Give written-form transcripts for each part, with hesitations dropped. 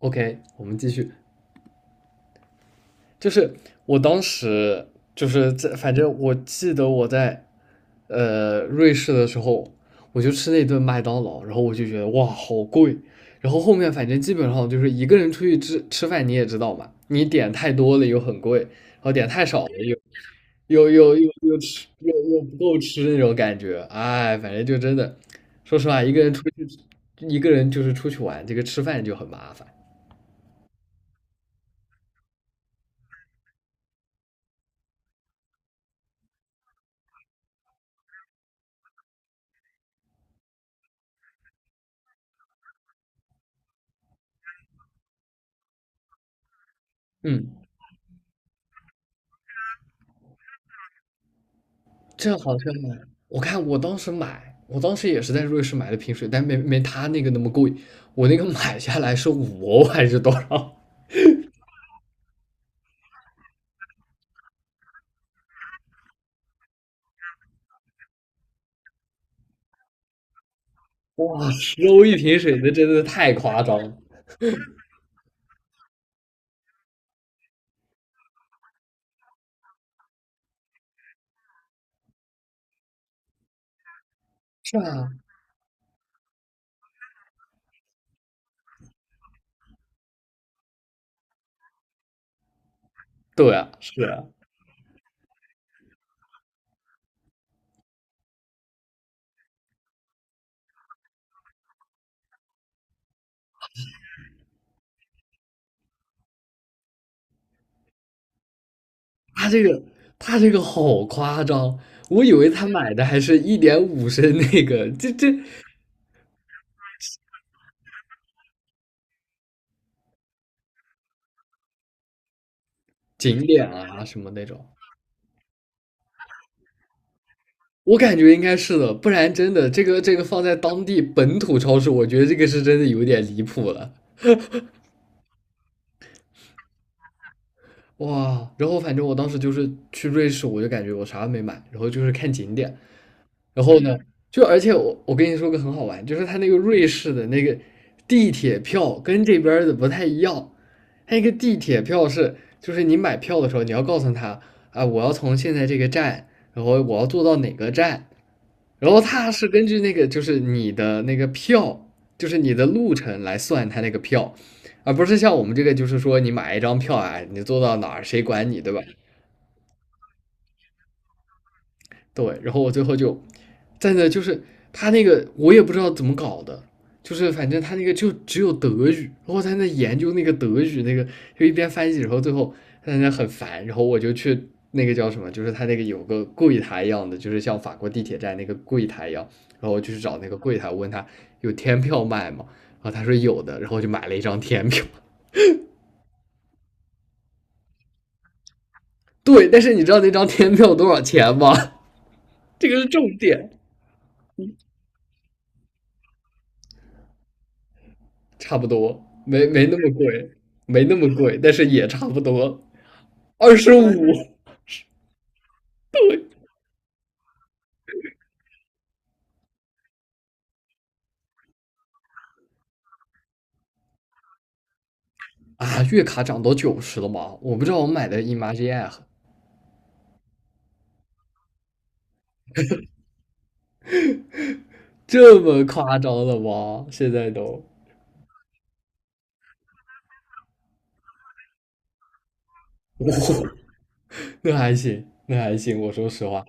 OK，我们继续。就是我当时就是在，反正我记得我在瑞士的时候，我就吃那顿麦当劳，然后我就觉得哇好贵。然后后面反正基本上就是一个人出去吃吃饭，你也知道嘛，你点太多了又很贵，然后点太少了又不够吃那种感觉。哎，反正就真的，说实话，一个人就是出去玩，这个吃饭就很麻烦。嗯。这好像，我当时也是在瑞士买的瓶水，但没他那个那么贵。我那个买下来是5欧还是多少？十欧一瓶水，那真的太夸张了。是啊，对啊，他这个他这个好夸张，我以为他买的还是1.5升那个，景点啊什么那种，我感觉应该是的，不然真的这个放在当地本土超市，我觉得这个是真的有点离谱了。哇，然后反正我当时就是去瑞士，我就感觉我啥都没买，然后就是看景点，然后呢，就而且我跟你说个很好玩，就是他那个瑞士的那个地铁票跟这边儿的不太一样，他一个地铁票是就是你买票的时候你要告诉他啊，我要从现在这个站，然后我要坐到哪个站，然后它是根据那个就是你的那个票，就是你的路程来算它那个票，而不是像我们这个就是说你买一张票啊，你坐到哪儿谁管你，对吧？对，然后我最后就站在那，就是他那个我也不知道怎么搞的，就是反正他那个就只有德语，然后他在那研究那个德语那个，就一边翻译，然后最后他在那很烦，然后我就去那个叫什么，就是他那个有个柜台一样的，就是像法国地铁站那个柜台一样，然后我就去找那个柜台，我问他有天票卖吗？然后他说有的，然后我就买了一张天票。对，但是你知道那张天票多少钱吗？这个是重点。差不多，没那么贵，没那么贵，但是也差不多，25啊，月卡涨到90了吗？我不知道我买的 Imagine 这么夸张了吗？现在都，哇，那还行，那还行，我说实话，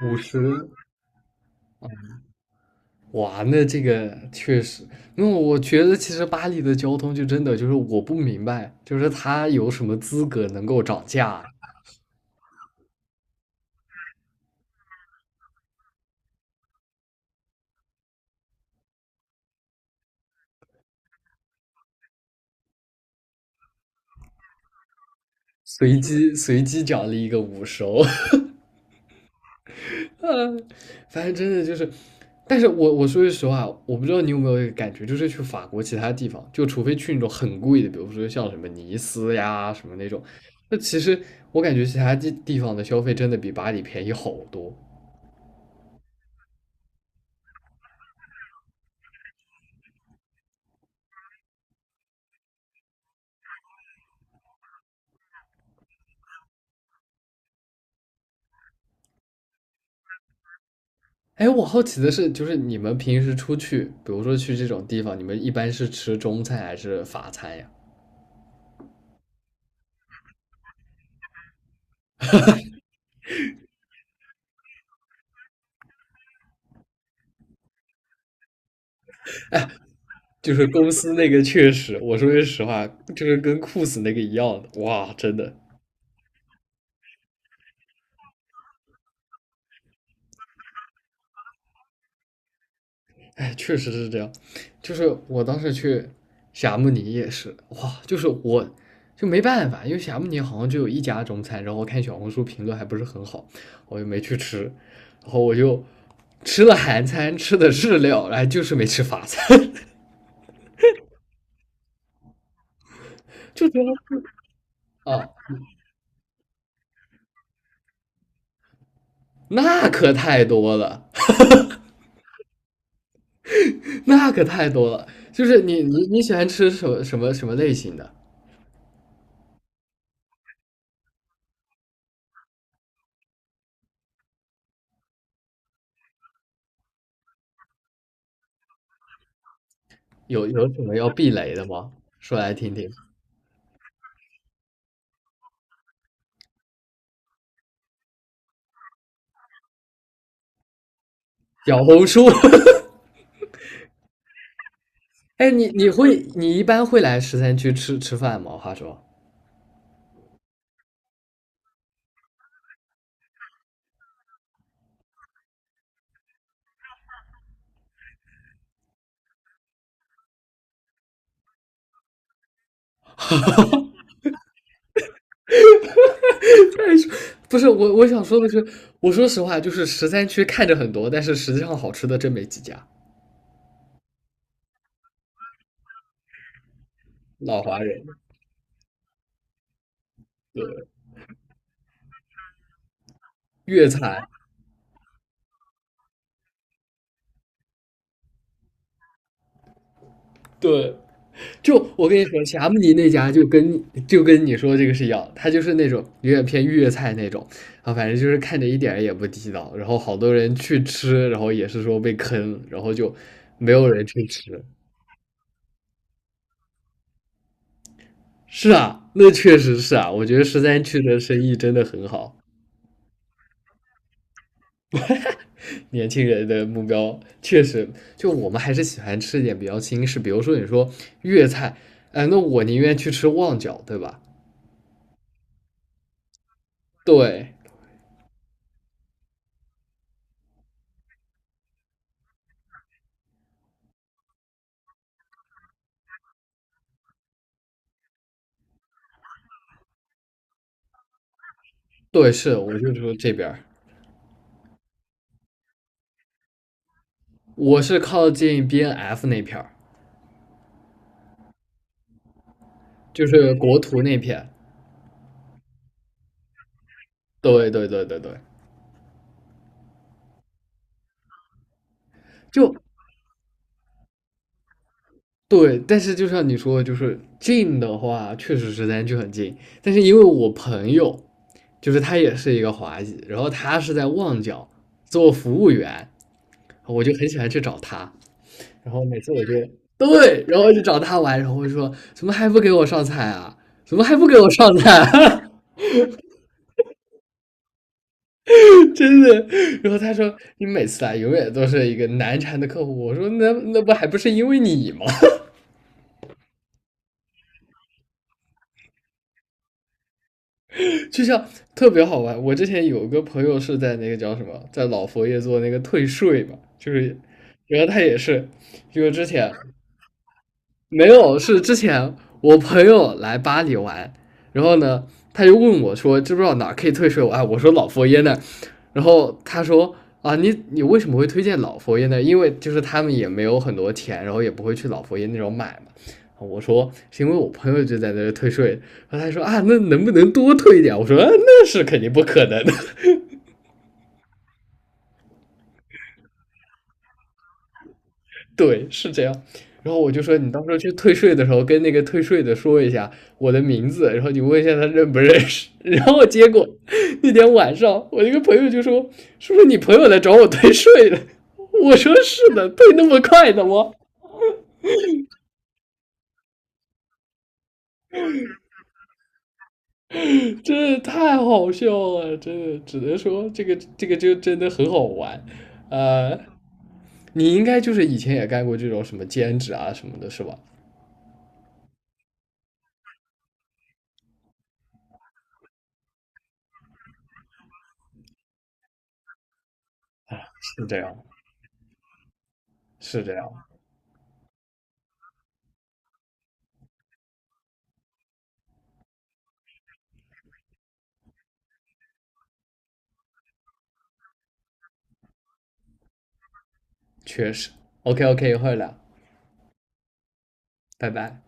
五十，哇，那这个确实，那我觉得其实巴黎的交通就真的就是我不明白，就是它有什么资格能够涨价？随机奖励一个50欧，嗯，反正真的就是，但是我说句实话，我不知道你有没有一个感觉，就是去法国其他地方，就除非去那种很贵的，比如说像什么尼斯呀什么那种，那其实我感觉其他地方的消费真的比巴黎便宜好多。哎，我好奇的是，就是你们平时出去，比如说去这种地方，你们一般是吃中餐还是法餐呀？就是公司那个确实，我说句实话，就是跟 CO 那个一样的，哇，真的。哎，确实是这样。就是我当时去霞慕尼也是，哇，就是我就没办法，因为霞慕尼好像就有一家中餐，然后我看小红书评论还不是很好，我就没去吃，然后我就吃了韩餐，吃的日料，然后就是没吃法餐，就觉得啊，那可太多了，那可太多了。就是你喜欢吃什么类型的？有什么要避雷的吗？说来听听。小红书。哎，你一般会来十三区吃吃饭吗？话说，不是我想说的是，我说实话，就是十三区看着很多，但是实际上好吃的真没几家。老华人，对，粤菜，对，就我跟你说，霞慕尼那家就跟你说这个是一样，他就是那种有点偏粤菜那种，啊，反正就是看着一点儿也不地道，然后好多人去吃，然后也是说被坑，然后就没有人去吃，是啊，那确实是啊，我觉得十三区的生意真的很好，年轻人的目标确实，就我们还是喜欢吃一点比较新式，比如说你说粤菜，哎，那我宁愿去吃旺角，对吧？对，对，是，我就说这边儿我是靠近 BNF 那片儿，就是国图那片，对对对对对，就对，但是就像你说的，就是近的话，确实时间就很近。但是因为我朋友，就是他也是一个华裔，然后他是在旺角做服务员，我就很喜欢去找他。然后每次我就 对，然后就找他玩，然后我就说怎么还不给我上菜啊？怎么还不给我上菜啊？真的。然后他说你每次来永远都是一个难缠的客户。我说那不还不是因为你吗？就像特别好玩。我之前有个朋友是在那个叫什么，在老佛爷做那个退税嘛，就是，然后他也是，就是之前没有，是之前我朋友来巴黎玩，然后呢，他就问我说，知不知道哪儿可以退税？我啊，我说老佛爷那儿然后他说啊，你为什么会推荐老佛爷呢？因为就是他们也没有很多钱，然后也不会去老佛爷那种买嘛。我说是因为我朋友就在那儿退税，然后他说啊，那能不能多退一点？我说、啊、那是肯定不可能的。对，是这样。然后我就说，你到时候去退税的时候，跟那个退税的说一下我的名字，然后你问一下他认不认识。然后结果那天晚上，我一个朋友就说："是不是你朋友来找我退税了？" 我说："是的，退那么快的吗？"真的太好笑了，真的，只能说这个就真的很好玩。呃，你应该就是以前也干过这种什么兼职啊什么的，是吧？是这样，是这样，确实。OK OK,一会儿聊，拜拜。